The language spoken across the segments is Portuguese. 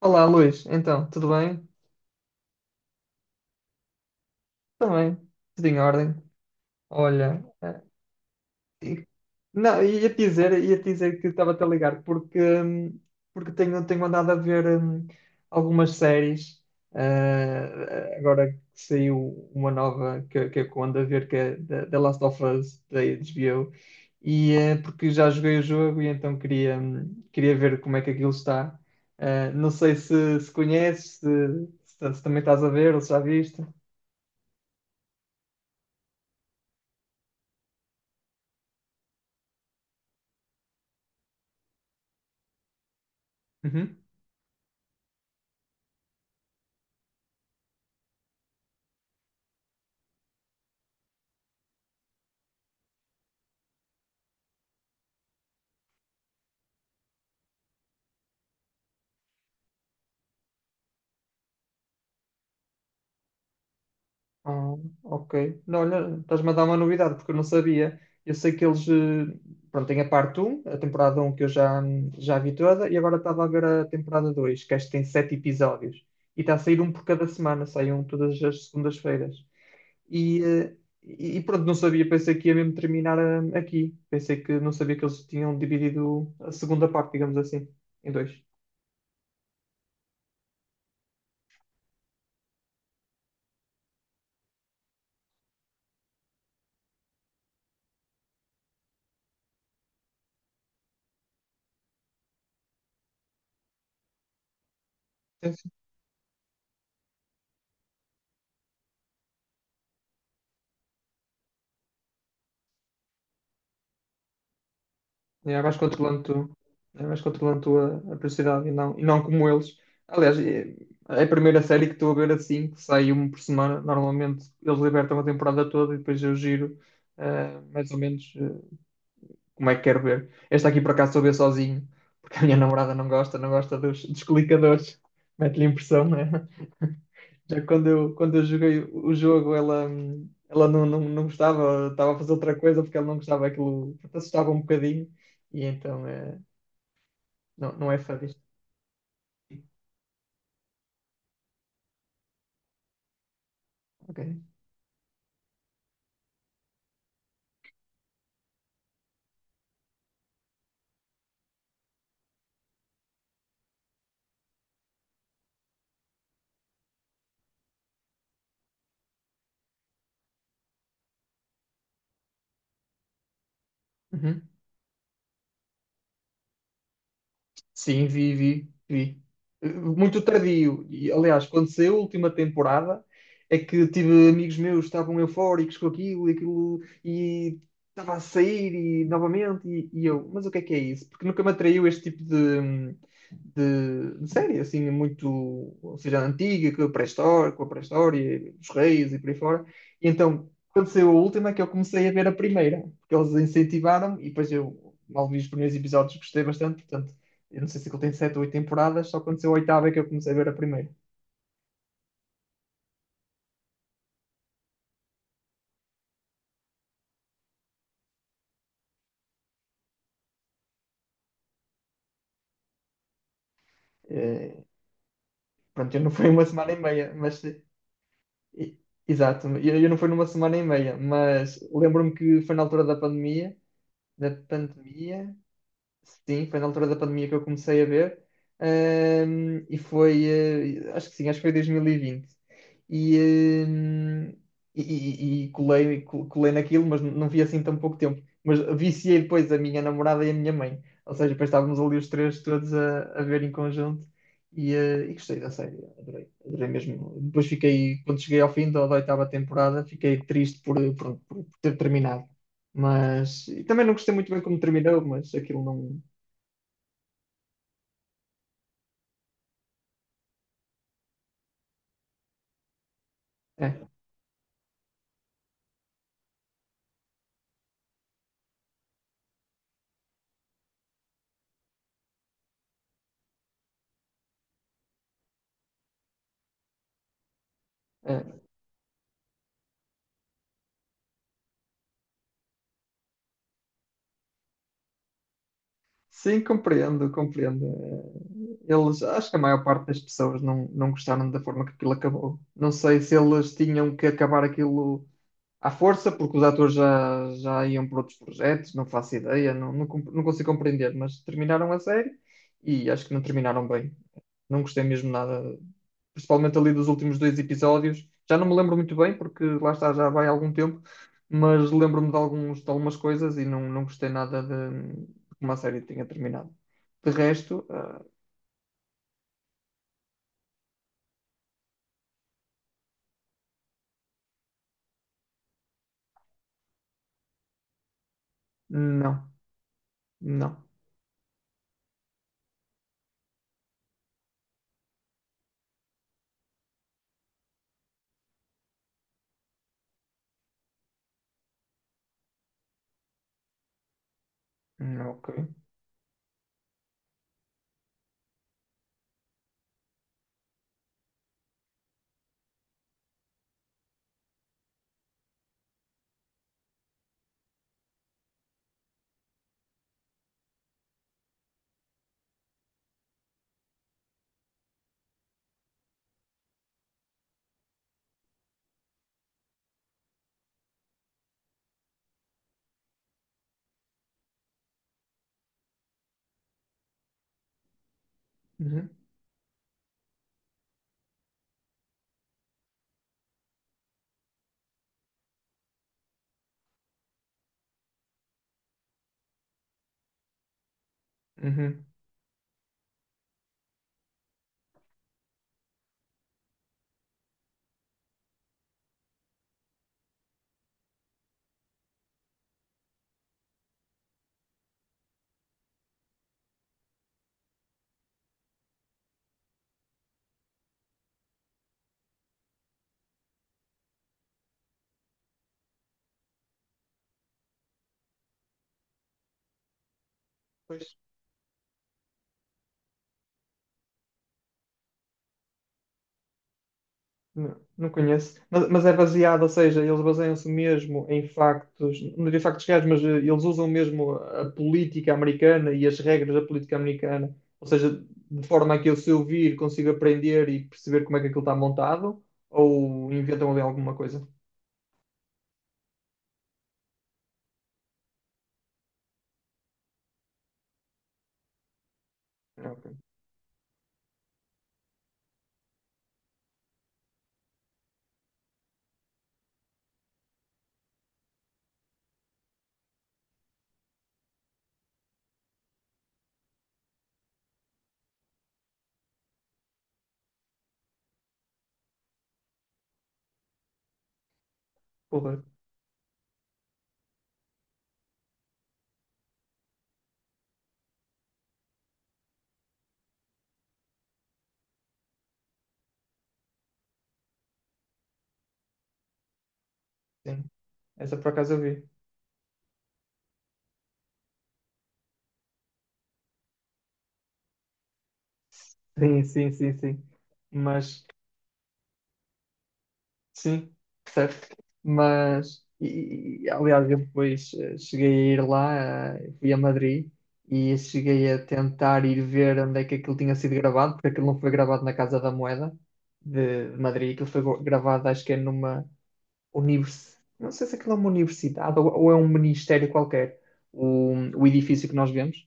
Olá, Luís. Então, tudo bem? Também, tudo em ordem. Olha, e- não, ia te dizer que estava a ligar porque porque tenho andado a ver algumas séries. Agora que saiu uma nova que eu ando a ver que é The Last of Us da HBO e porque já joguei o jogo e então queria queria ver como é que aquilo está. Não sei se conheces, se também estás a ver ou se já viste. Uhum. Ah, ok. Não, olha, estás-me a dar uma novidade, porque eu não sabia. Eu sei que eles, pronto, tem a parte um a temporada um que eu já vi toda, e agora estava a ver a temporada 2 que acho que tem 7 episódios. E está a sair um por cada semana, sai um todas as segundas-feiras. E, e pronto, não sabia, pensei que ia mesmo terminar aqui. Pensei que não sabia que eles tinham dividido a segunda parte, digamos assim, em dois. É, vais controlando tu, é, vais controlando tu a prioridade e não como eles. Aliás, é a primeira série que estou a ver assim, que sai uma por semana. Normalmente eles libertam a temporada toda e depois eu giro mais ou menos como é que quero ver. Esta aqui por acaso estou a ver sozinho, porque a minha namorada não gosta, não gosta dos, dos clicadores. Mete-lhe impressão, né? Já que quando eu joguei o jogo, ela, ela não gostava, estava a fazer outra coisa porque ela não gostava aquilo, assustava um bocadinho. E então, não, não é sadista. Ok. Uhum. Sim, vi, vi, vi. Muito tardio. E, aliás, quando saiu a última temporada, é que tive amigos meus que estavam eufóricos com aquilo e aquilo, e estava a sair e novamente, e eu, mas o que é isso? Porque nunca me atraiu este tipo de série, assim, muito, ou seja, antiga, com a pré-história, dos reis e por aí fora. E então, quando saiu a última, é que eu comecei a ver a primeira, porque eles incentivaram, e depois eu mal vi os primeiros episódios, gostei bastante, portanto. Eu não sei se ele tem sete ou oito temporadas, só aconteceu a oitava é que eu comecei a ver a primeira. Eh, Pronto, eu não fui uma semana e meia, mas. e- Exato, eu não fui numa semana e meia, mas lembro-me que foi na altura da pandemia, da pandemia, sim, foi na altura da pandemia que eu comecei a ver. E foi, acho que sim, acho que foi 2020. E, vinte. E, e colei naquilo, mas não vi assim tão pouco tempo. Mas viciei depois a minha namorada e a minha mãe. Ou seja, depois estávamos ali os três todos a ver em conjunto. E, e gostei da série, adorei, adorei mesmo. Depois fiquei, quando cheguei ao fim da, oitava temporada, fiquei triste por, por ter terminado. Mas e também não gostei muito bem como terminou, mas aquilo não. É, é. Sim, compreendo, compreendo. Eles, acho que a maior parte das pessoas não gostaram da forma que aquilo acabou. Não sei se eles tinham que acabar aquilo à força, porque os atores já iam para outros projetos, não faço ideia, não consigo compreender, mas terminaram a série e acho que não terminaram bem. Não gostei mesmo nada, principalmente ali dos últimos dois episódios. Já não me lembro muito bem, porque lá está, já vai algum tempo, mas lembro-me de algumas coisas e não gostei nada de como a série tinha terminado. De resto, não, não, não, ok. Uhum, uhum. Pois. Não, não conheço. Mas é baseado, ou seja, eles baseiam-se mesmo em factos, não diria factos reais, mas eles usam mesmo a política americana e as regras da política americana. Ou seja, de forma a que eu, se eu vir, consigo aprender e perceber como é que aquilo está montado, ou inventam ali alguma coisa. Ah, ok. Porra, sim. Essa por acaso eu vi. Sim, sim, sim, sim. Mas, sim, certo. Mas, aliás, eu depois cheguei a ir lá, fui a Madrid e cheguei a tentar ir ver onde é que aquilo tinha sido gravado, porque aquilo não foi gravado na Casa da Moeda de, Madrid, aquilo foi gravado, acho que é numa não sei se aquilo é uma universidade ou é um ministério qualquer, o edifício que nós vemos.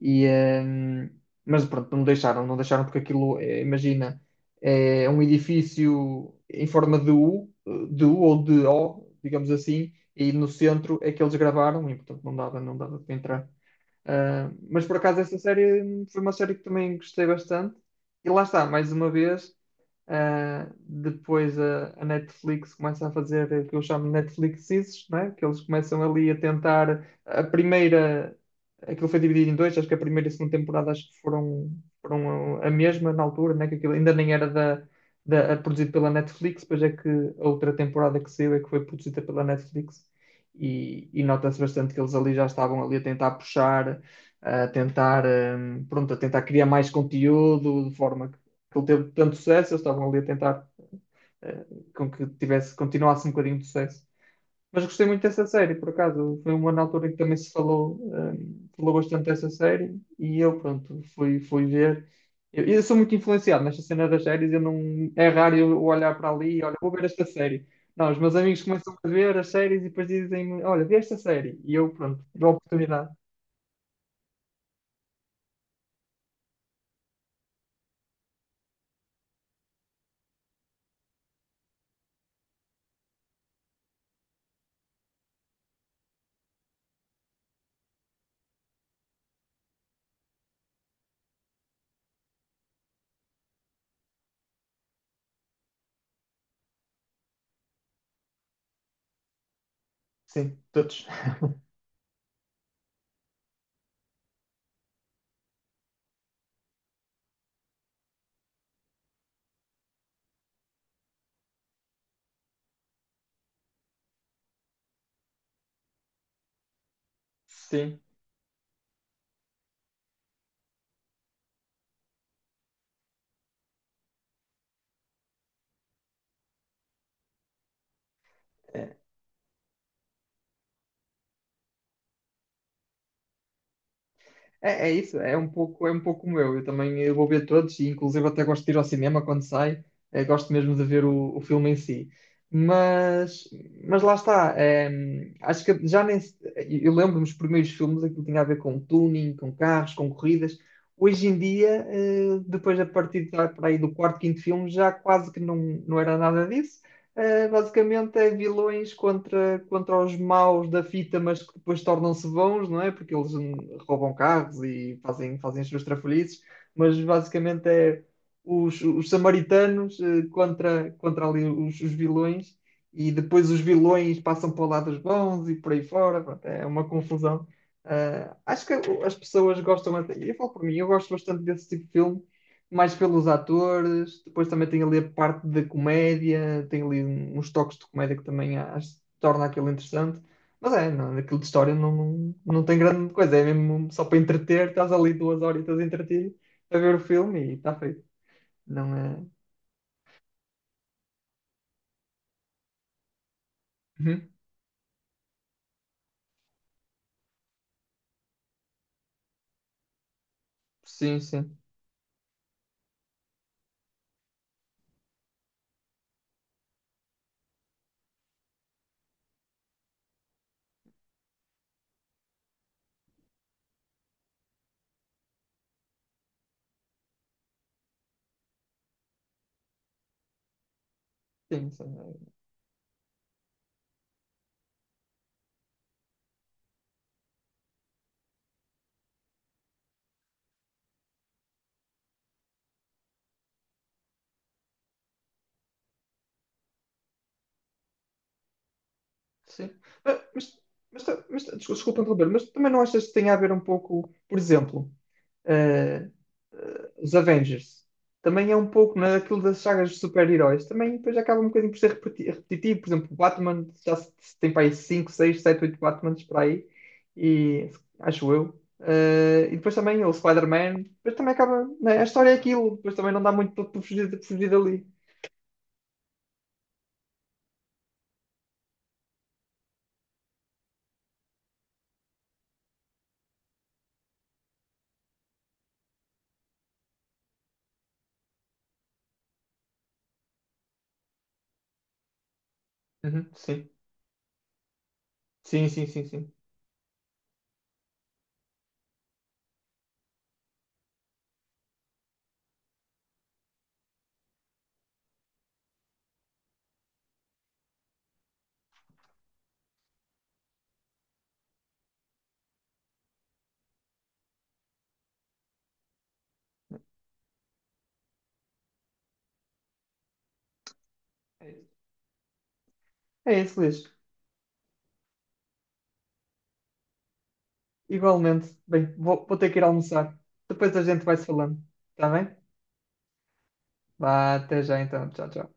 E, mas pronto, não deixaram, não deixaram porque aquilo, é, imagina, é um edifício em forma de U ou de O, digamos assim, e no centro é que eles gravaram e portanto não dava, não dava para entrar. Ah, mas por acaso essa série foi uma série que também gostei bastante. E lá está, mais uma vez, depois a Netflix começa a fazer o que eu chamo de Netflixes, né? Que eles começam ali a tentar a primeira, aquilo foi dividido em dois, acho que a primeira e a segunda temporada acho que foram a mesma na altura, né? Que aquilo ainda nem era produzido pela Netflix, depois é que a outra temporada que saiu é que foi produzida pela Netflix e nota-se bastante que eles ali já estavam ali a tentar puxar a tentar, pronto, a tentar criar mais conteúdo de forma que ele teve tanto sucesso, eles estavam ali a tentar eh, com que tivesse, continuasse um bocadinho de sucesso. Mas gostei muito dessa série, por acaso. Foi uma na altura em que também se falou, falou bastante dessa série e eu, pronto, fui ver. Eu sou muito influenciado nesta cena das séries, eu não, é raro eu olhar para ali e olha, vou ver esta série. Não, os meus amigos começam a ver as séries e depois dizem-me, olha, vê esta série. E eu, pronto, dou a oportunidade. Sim, todos. Sim. É, é isso, é um pouco como eu. Eu também eu vou ver todos, e inclusive até gosto de ir ao cinema quando sai, gosto mesmo de ver o filme em si. Mas, mas lá está, acho que já nem. Eu lembro-me dos primeiros filmes, aquilo tinha a ver com tuning, com carros, com corridas. Hoje em dia, depois a partir para aí do quarto, quinto filme, já quase que não era nada disso. Basicamente é vilões contra os maus da fita, mas que depois tornam-se bons, não é? Porque eles roubam carros e fazem as suas trafalhices, mas basicamente é os samaritanos contra ali os vilões, e depois os vilões passam para o lado dos bons e por aí fora, pronto, é uma confusão. Ah, acho que as pessoas gostam, eu falo por mim, eu gosto bastante desse tipo de filmes mais pelos atores, depois também tem ali a parte da comédia, tem ali uns toques de comédia que também acho, torna aquilo interessante. Mas é, não, aquilo de história não tem grande coisa, é mesmo só para entreter, estás ali duas horitas a entreter, a ver o filme e está feito. Não é. Uhum. Sim, sim. Sim, sim. Sim. Mas, mas desculpa interromper, mas também não achas que tem a ver um pouco, por exemplo, eh, os Avengers. Também é um pouco naquilo das sagas de super-heróis. Também depois acaba um bocadinho por ser repetitivo. Por exemplo, o Batman já se tem para aí 5, 6, 7, 8 Batmans para aí. E acho eu. E depois também o Spider-Man. Depois também acaba, né, a história é aquilo. Depois também não dá muito para fugir, para fugir dali. Uhum, sim. Sim, sim, sim, sim. É isso, Luís. Igualmente. Bem, vou ter que ir almoçar. Depois a gente vai se falando. Está bem? Vá, até já então. Tchau, tchau.